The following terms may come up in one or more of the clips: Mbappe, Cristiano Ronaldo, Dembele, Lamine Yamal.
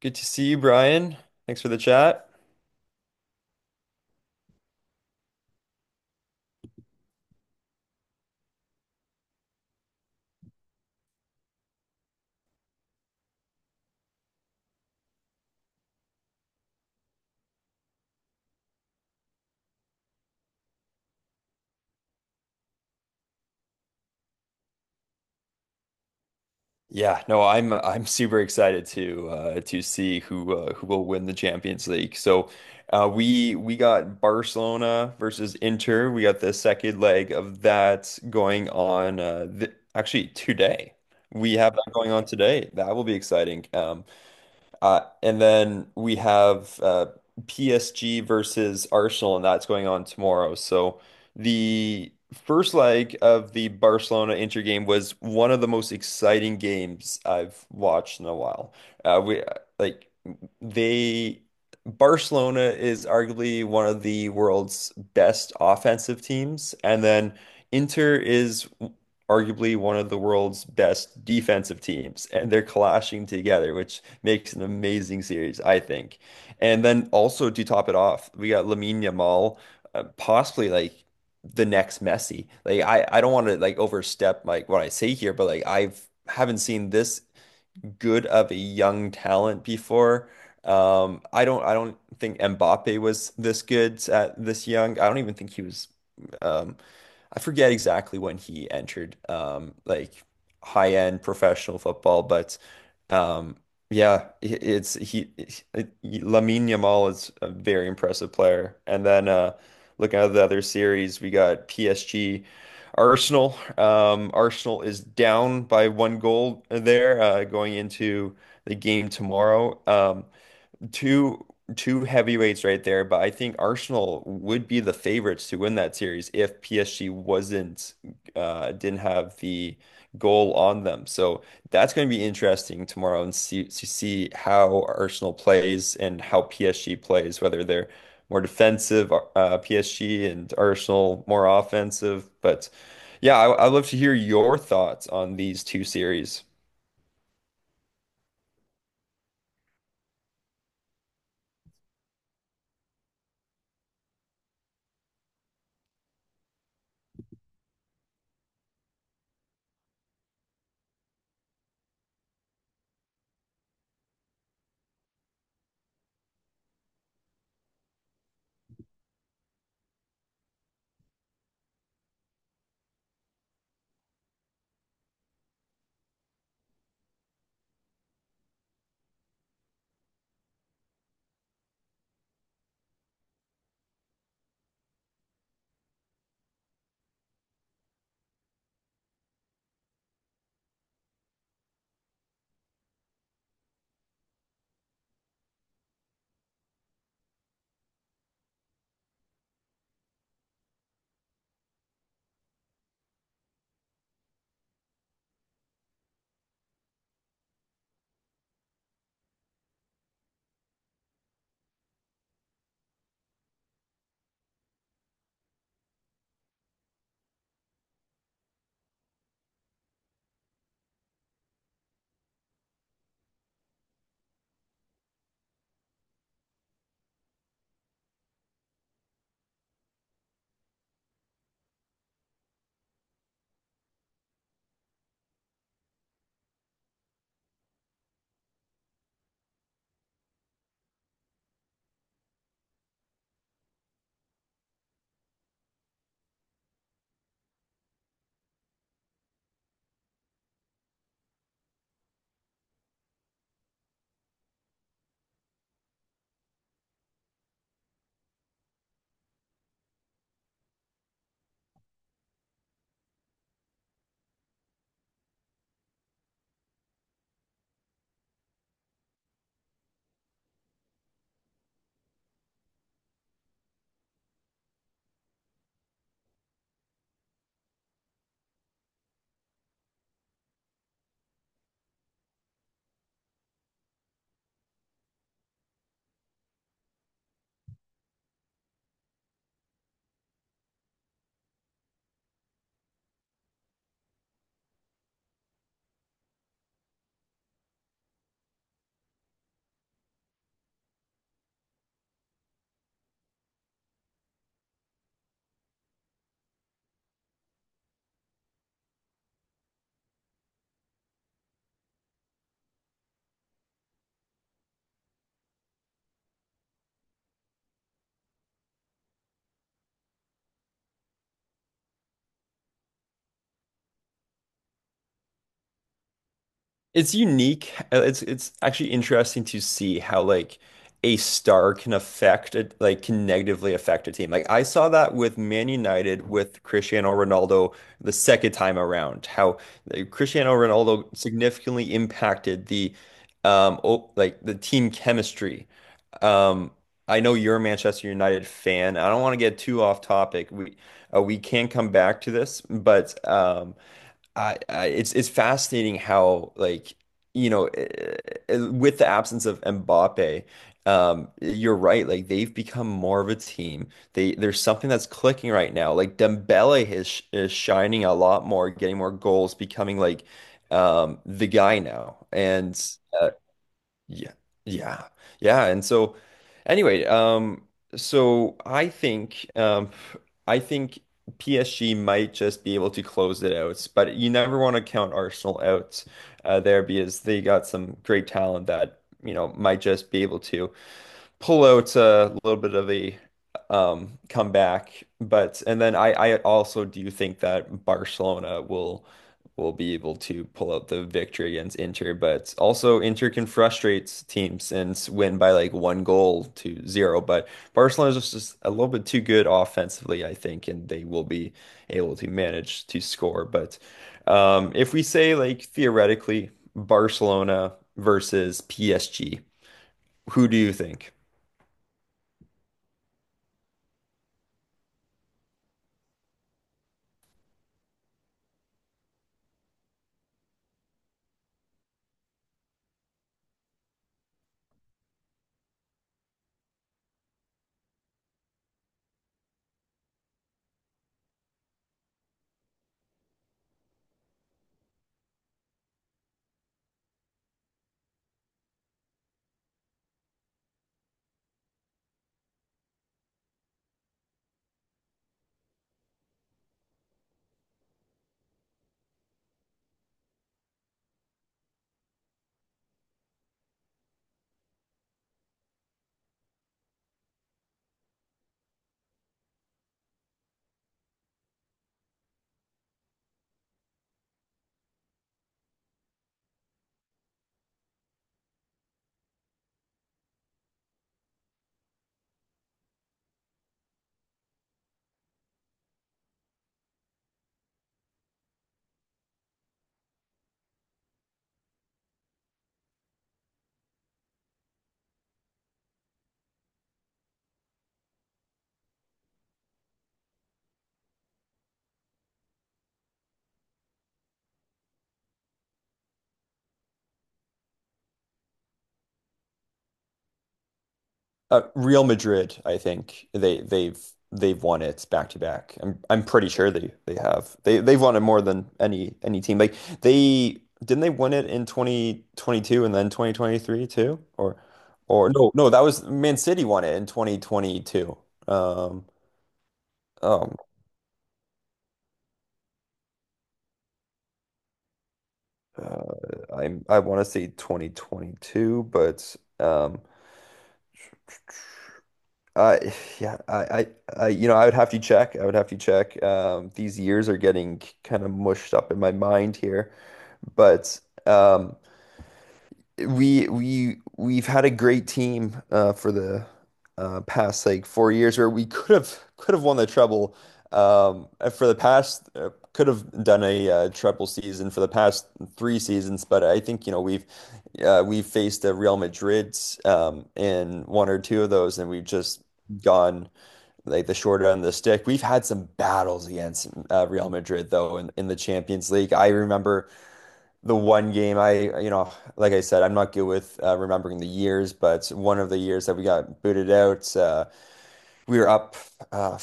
Good to see you, Brian. Thanks for the chat. Yeah, no, I'm super excited to to see who who will win the Champions League. So we got Barcelona versus Inter. We got the second leg of that going on th actually today. We have that going on today. That will be exciting. And then we have PSG versus Arsenal, and that's going on tomorrow. So the first leg of the Barcelona Inter game was one of the most exciting games I've watched in a while. We like they Barcelona is arguably one of the world's best offensive teams, and then Inter is arguably one of the world's best defensive teams, and they're clashing together, which makes an amazing series, I think. And then also to top it off, we got Lamine Yamal, possibly like the next Messi. Like I don't want to like overstep like what I say here, but like I've haven't seen this good of a young talent before. I don't think Mbappe was this good at this young. I don't even think he was. Um, I forget exactly when he entered. Like high end professional football, but. Um, yeah, i- it's he, Lamine Yamal is a very impressive player. And then looking at the other series, we got PSG, Arsenal. Arsenal is down by one goal there going into the game tomorrow. Two two heavyweights right there, but I think Arsenal would be the favorites to win that series if PSG wasn't didn't have the goal on them. So that's going to be interesting tomorrow and see how Arsenal plays and how PSG plays, whether they're more defensive PSG and Arsenal more offensive. But yeah, I'd love to hear your thoughts on these two series. It's unique. It's actually interesting to see how, like, a star can affect it, like, can negatively affect a team. Like I saw that with Man United with Cristiano Ronaldo the second time around, how Cristiano Ronaldo significantly impacted the o like the team chemistry. Um I know you're a Manchester United fan. I don't want to get too off topic. We can come back to this, but I it's fascinating how, like, you know eh, with the absence of Mbappe, you're right. Like they've become more of a team. They There's something that's clicking right now. Like Dembele is shining a lot more, getting more goals, becoming, like, the guy now. And uh, yeah. Yeah. Yeah. And so anyway, so I think um I think PSG might just be able to close it out, but you never want to count Arsenal out there because they got some great talent that might just be able to pull out a little bit of a comeback. But and then I also do think that Barcelona will be able to pull out the victory against Inter. But also Inter can frustrate teams and win by like one goal to zero. But Barcelona is just a little bit too good offensively, I think, and they will be able to manage to score. But if we say, like, theoretically, Barcelona versus PSG, who do you think? Real Madrid, I think they've won it back to back. I'm pretty sure they have. They've won it more than any team. Like they didn't they win it in 2022 and then 2023 too? Or no, no, that was Man City won it in 2022. Um um uh, I want to say 2022, but Uh, yeah, you know, I would have to check. I would have to check. These years are getting kind of mushed up in my mind here, but um, we've had a great team for the past like 4 years where we could have won the treble. And for the past could have done a treble season for the past 3 seasons, but I think we've faced the Real Madrids in one or two of those, and we've just gone, like, the short end of the stick. We've had some battles against Real Madrid though in the Champions League. I remember the one game. Like I said, I'm not good with remembering the years, but one of the years that we got booted out, we were up uh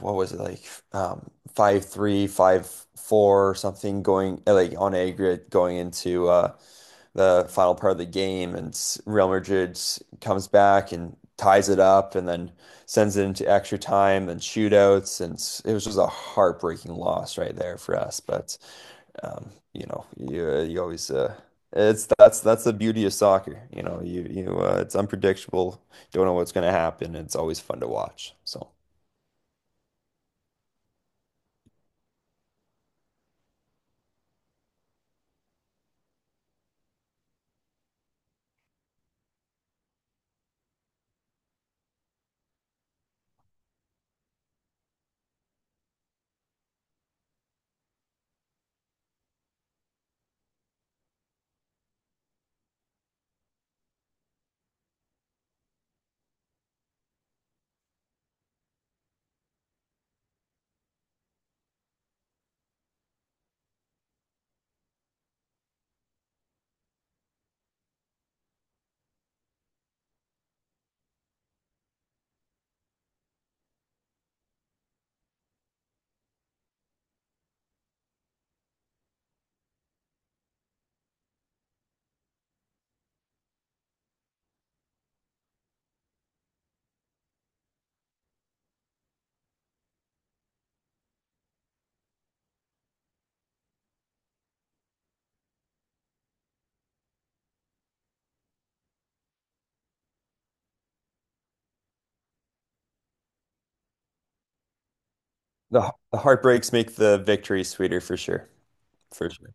what was it like 5-3, 5-4 or something, going like on aggregate, going into the final part of the game, and Real Madrid comes back and ties it up and then sends it into extra time and shootouts, and it was just a heartbreaking loss right there for us. But you know, you always it's, that's the beauty of soccer. You know, you it's unpredictable. Don't know what's going to happen. It's always fun to watch. So the heartbreaks make the victory sweeter for sure. For sure.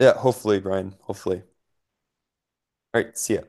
Yeah, hopefully, Brian. Hopefully. All right, see ya.